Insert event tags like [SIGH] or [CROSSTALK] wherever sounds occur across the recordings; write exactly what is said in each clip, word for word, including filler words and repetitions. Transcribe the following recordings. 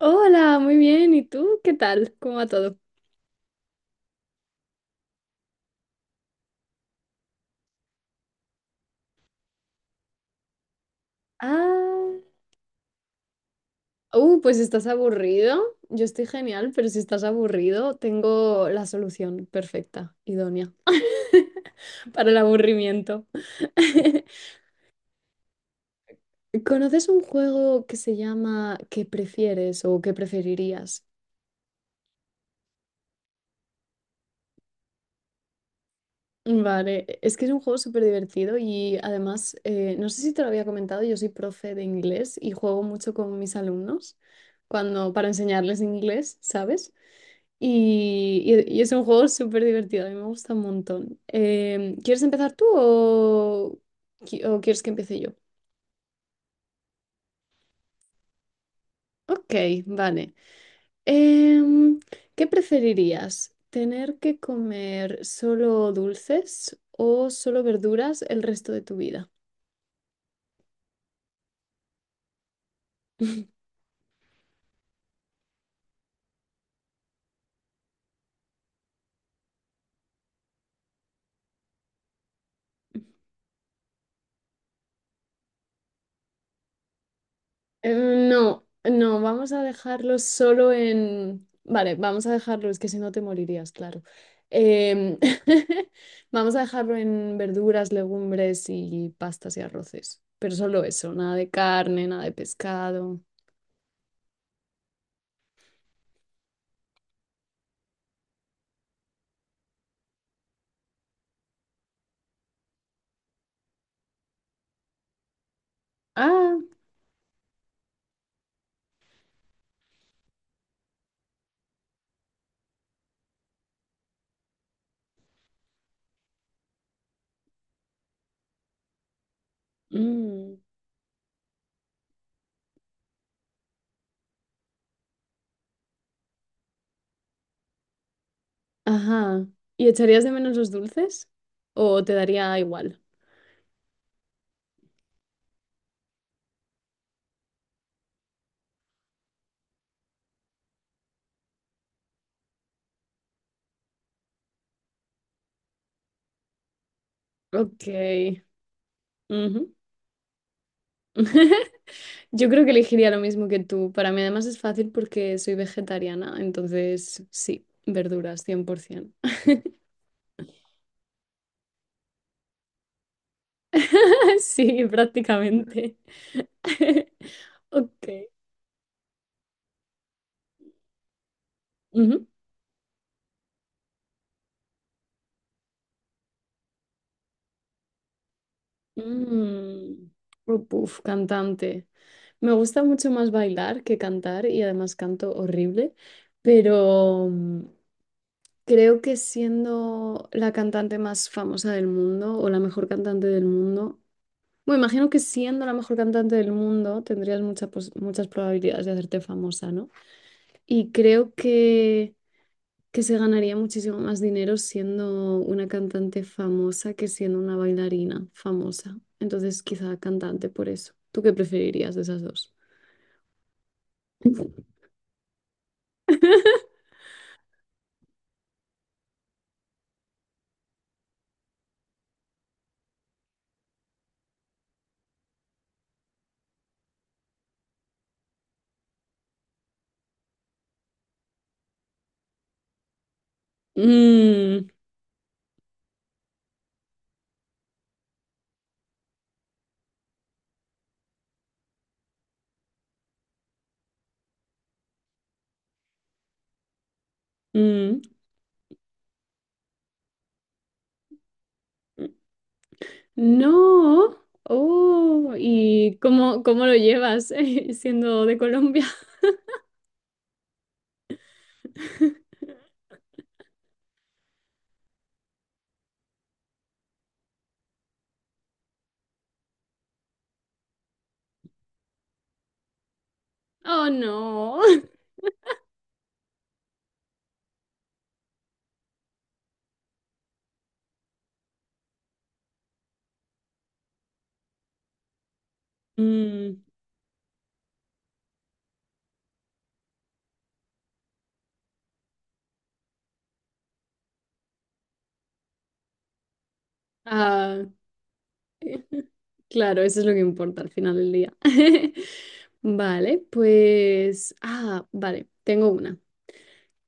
Hola, muy bien. ¿Y tú? ¿Qué tal? ¿Cómo va todo? Ah, uh, pues estás aburrido. Yo estoy genial, pero si estás aburrido, tengo la solución perfecta, idónea, [LAUGHS] para el aburrimiento. [LAUGHS] ¿Conoces un juego que se llama ¿Qué prefieres o qué preferirías? Vale, e-, es que es un juego súper divertido y además, eh, no sé si te lo había comentado, yo soy profe de inglés y juego mucho con mis alumnos cuando para enseñarles inglés, ¿sabes? Y, y- y es un juego súper divertido, a mí me gusta un montón. Em, ¿quieres empezar tú o qui- o quieres que empiece yo? Ok, vale. Em, ¿qué preferirías? ¿Tener que comer solo dulces o solo verduras el resto de tu vida? Eh, No, no, vamos a dejarlos solo en... Vale, vamos a dejarlo, es que si no te morirías, claro. Em, [LAUGHS] vamos a dejarlo en verduras, legumbres y pastas y arroces, pero solo eso, nada de carne, nada de pescado. Ah, mm, ajá. ¿Y echarías de menos los dulces? ¿O te daría igual? Ok, ujú. [LAUGHS] Yo creo que elegiría lo mismo que tú. Para mí además es fácil porque soy vegetariana, entonces sí, verduras, cien por ciento. [LAUGHS] Sí, prácticamente. [LAUGHS] Ok. Ujú. Mm. Oh, puf, cantante. Me gusta mucho más bailar que cantar y además canto horrible, pero mm, creo que siendo la cantante más famosa del mundo o la mejor cantante del mundo, bueno, imagino que siendo la mejor cantante del mundo tendrías muchas muchas probabilidades de hacerte famosa, ¿no? Y creo que, que se ganaría muchísimo más dinero siendo una cantante famosa que siendo una bailarina famosa. Entonces, quizá cantante por eso. ¿Tú qué preferirías de esas dos? Mm, mm. No. Oh, ¿y cómo, cómo lo llevas, [LAUGHS] eh, siendo de Colombia? [LAUGHS] Oh, no. [LAUGHS] Mm, ah, [LAUGHS] claro, eso es lo que importa al final del día. [LAUGHS] Vale, pues... Ah, vale, tengo una.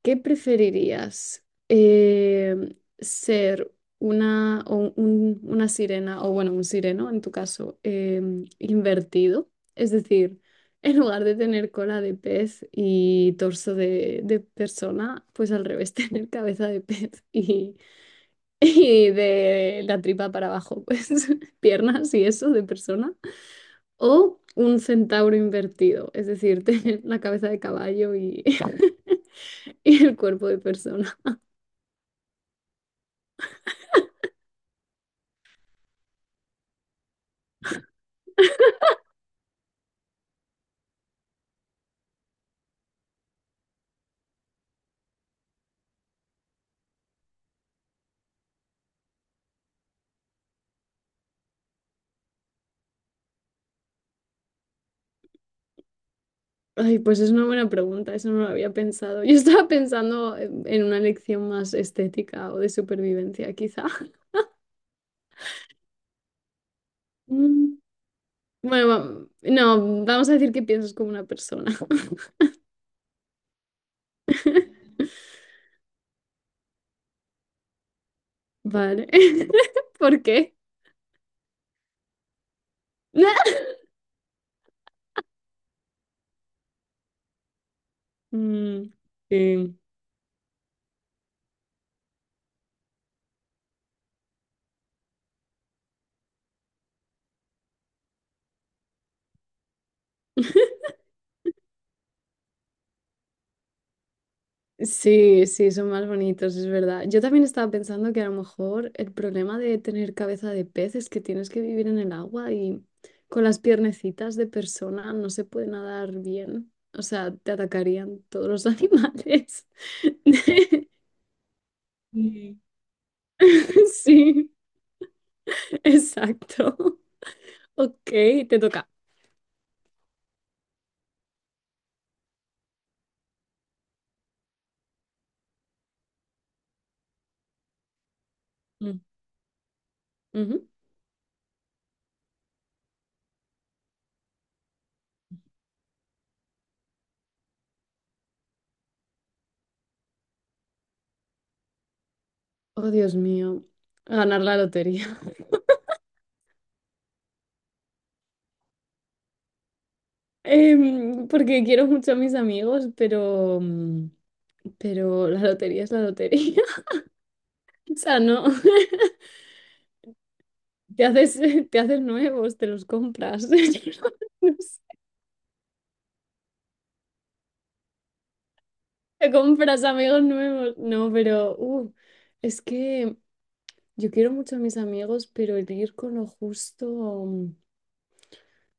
¿Qué preferirías? Em, ¿ser una, o un- una sirena, o bueno, un sireno en tu caso, em, invertido? Es decir, [LAUGHS] en lugar de tener cola de pez y torso de, de persona, pues al revés, [LAUGHS] tener cabeza de pez y [LAUGHS] y de la tripa para abajo, pues [LAUGHS] piernas y eso de persona. O un centauro invertido, es decir, [LAUGHS] tener la cabeza de caballo y, [LAUGHS] y el cuerpo de persona. Ay, pues es una buena pregunta, eso no lo había pensado. Yo estaba pensando en en una lección más estética o de supervivencia, quizá. [LAUGHS] Mm, bueno, va- no, vamos a decir que piensas como una persona. [LAUGHS] Vale. [LAUGHS] ¿Por qué? [LAUGHS] Mm, sí. Sí, sí, son más bonitos, es verdad. Yo también estaba pensando que a lo mejor el problema de tener cabeza de pez es que tienes que vivir en el agua y con las piernecitas de persona no se puede nadar bien. O sea, te atacarían todos los animales. [LAUGHS] Sí. [LAUGHS] Sí, exacto. Ok, te toca. Mm, ujú. Oh, Dios mío, ganar la lotería. Em, porque quiero mucho a mis amigos, pero, mm, pero la lotería es la lotería. [LAUGHS] O sea, no, [LAUGHS] te haces, te haces nuevos, te los compras. [LAUGHS] No sé, te compras amigos nuevos. No, pero uh, es que yo quiero mucho a mis amigos, pero el ir con lo justo, mm,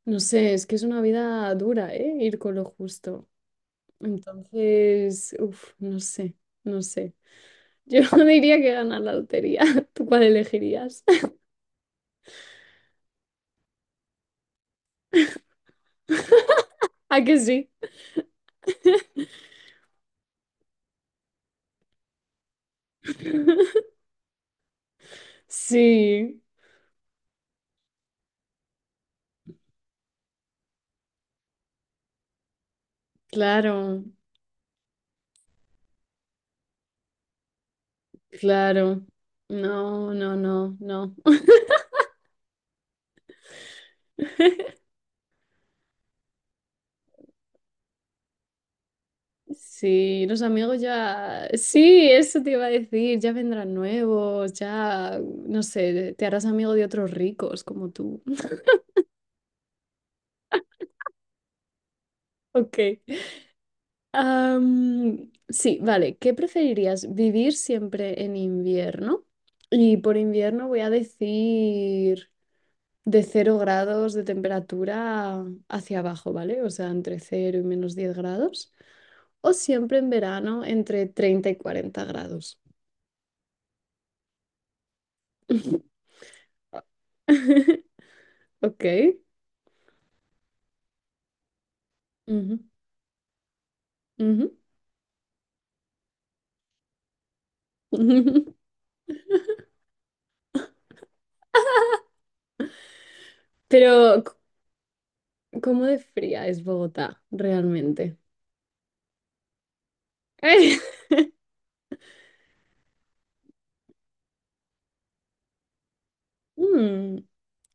no sé, es que es una vida dura, ¿eh? Ir con lo justo. Entonces, uff, no sé, no sé. Yo [LAUGHS] diría que ganar la lotería. [LAUGHS] ¿Tú cuál elegirías? ¿A que sí? [LAUGHS] Sí, claro, claro. No, no, no, no. [LAUGHS] Sí, los amigos ya... Sí, eso te iba a decir, ya vendrán nuevos, ya, no sé, te harás amigo de otros ricos como tú. [LAUGHS] Ok. Am, sí, vale. ¿Qué preferirías? ¿Vivir siempre en invierno? Y por invierno voy a decir de cero grados de temperatura hacia abajo, ¿vale? O sea, entre cero y menos diez grados. O siempre en verano entre treinta y cuarenta grados. [LAUGHS] Ok. Ujú, ujú. [LAUGHS] Pero, c- ¿cómo de fría es Bogotá realmente? [LAUGHS] Mm.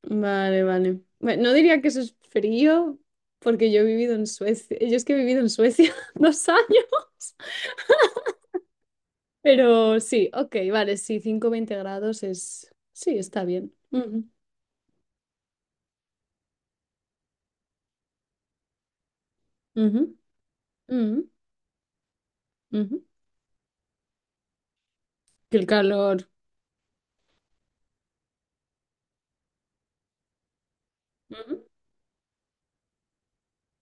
Vale, vale. Bueno, no diría que eso es frío, porque yo he vivido en Suecia. Yo es que he vivido en Suecia [LAUGHS] dos años. Pero sí, ok, vale, sí, cinco veinte grados es... Sí, está bien. Ujú, ujú, ujú, ujú. Que el calor. Ujú,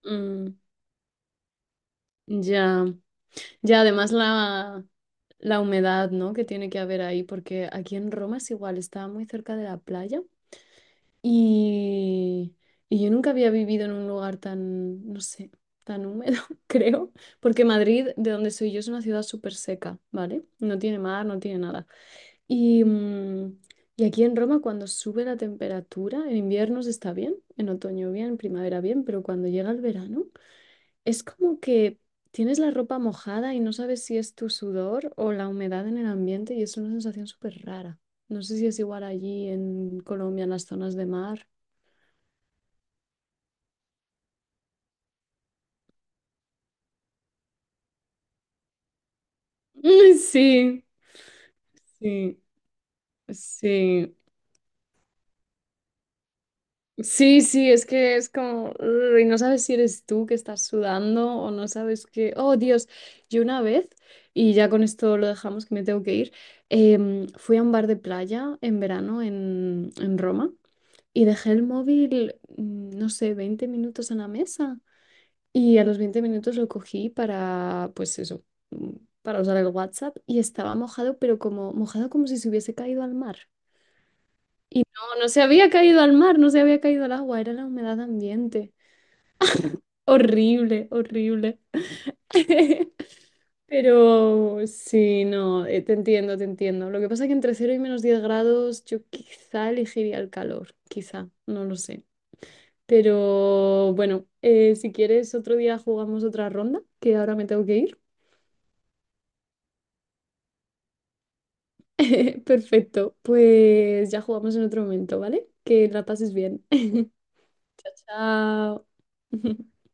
mm, ya, ya, además la, la humedad, ¿no? Que tiene que haber ahí, porque aquí en Roma es igual, estaba muy cerca de la playa. Y, y yo nunca había vivido en un lugar tan, no sé, tan húmedo, [LAUGHS] creo, porque Madrid, de donde soy yo, es una ciudad súper seca, ¿vale? No tiene mar, no tiene nada. Y, mm, y aquí en Roma, cuando sube la temperatura, en inviernos está bien, en otoño bien, en primavera bien, pero cuando llega el verano, es como que tienes la ropa mojada y no sabes si es tu sudor o la humedad en el ambiente y es una sensación súper rara. No sé si es igual allí en Colombia, en las zonas de mar. Mm, sí, sí, sí. Sí, sí, es que es como, "Ugh", y no sabes si eres tú que estás sudando o no sabes que, oh Dios, yo una vez, y ya con esto lo dejamos que me tengo que ir, em, fui a un bar de playa en verano en, en Roma y dejé el móvil, mm, no sé, veinte minutos en la mesa y a los veinte minutos lo cogí para, pues eso, mm, para usar el WhatsApp y estaba mojado, pero como mojado como si se hubiese caído al mar. Y no, no se había caído al mar, no se había caído al agua, era la humedad ambiente. Horrible, horrible. [LAUGHS] Pero sí, no, eh, te entiendo, te entiendo. Lo que pasa es que entre cero y menos diez grados yo quizá elegiría el calor, quizá, no lo sé. Pero bueno, eh, si quieres otro día jugamos otra ronda, que ahora me tengo que ir. [LAUGHS] Perfecto, pues ya jugamos en otro momento, ¿vale? Que la pases bien. [LAUGHS] Chao. [LAUGHS]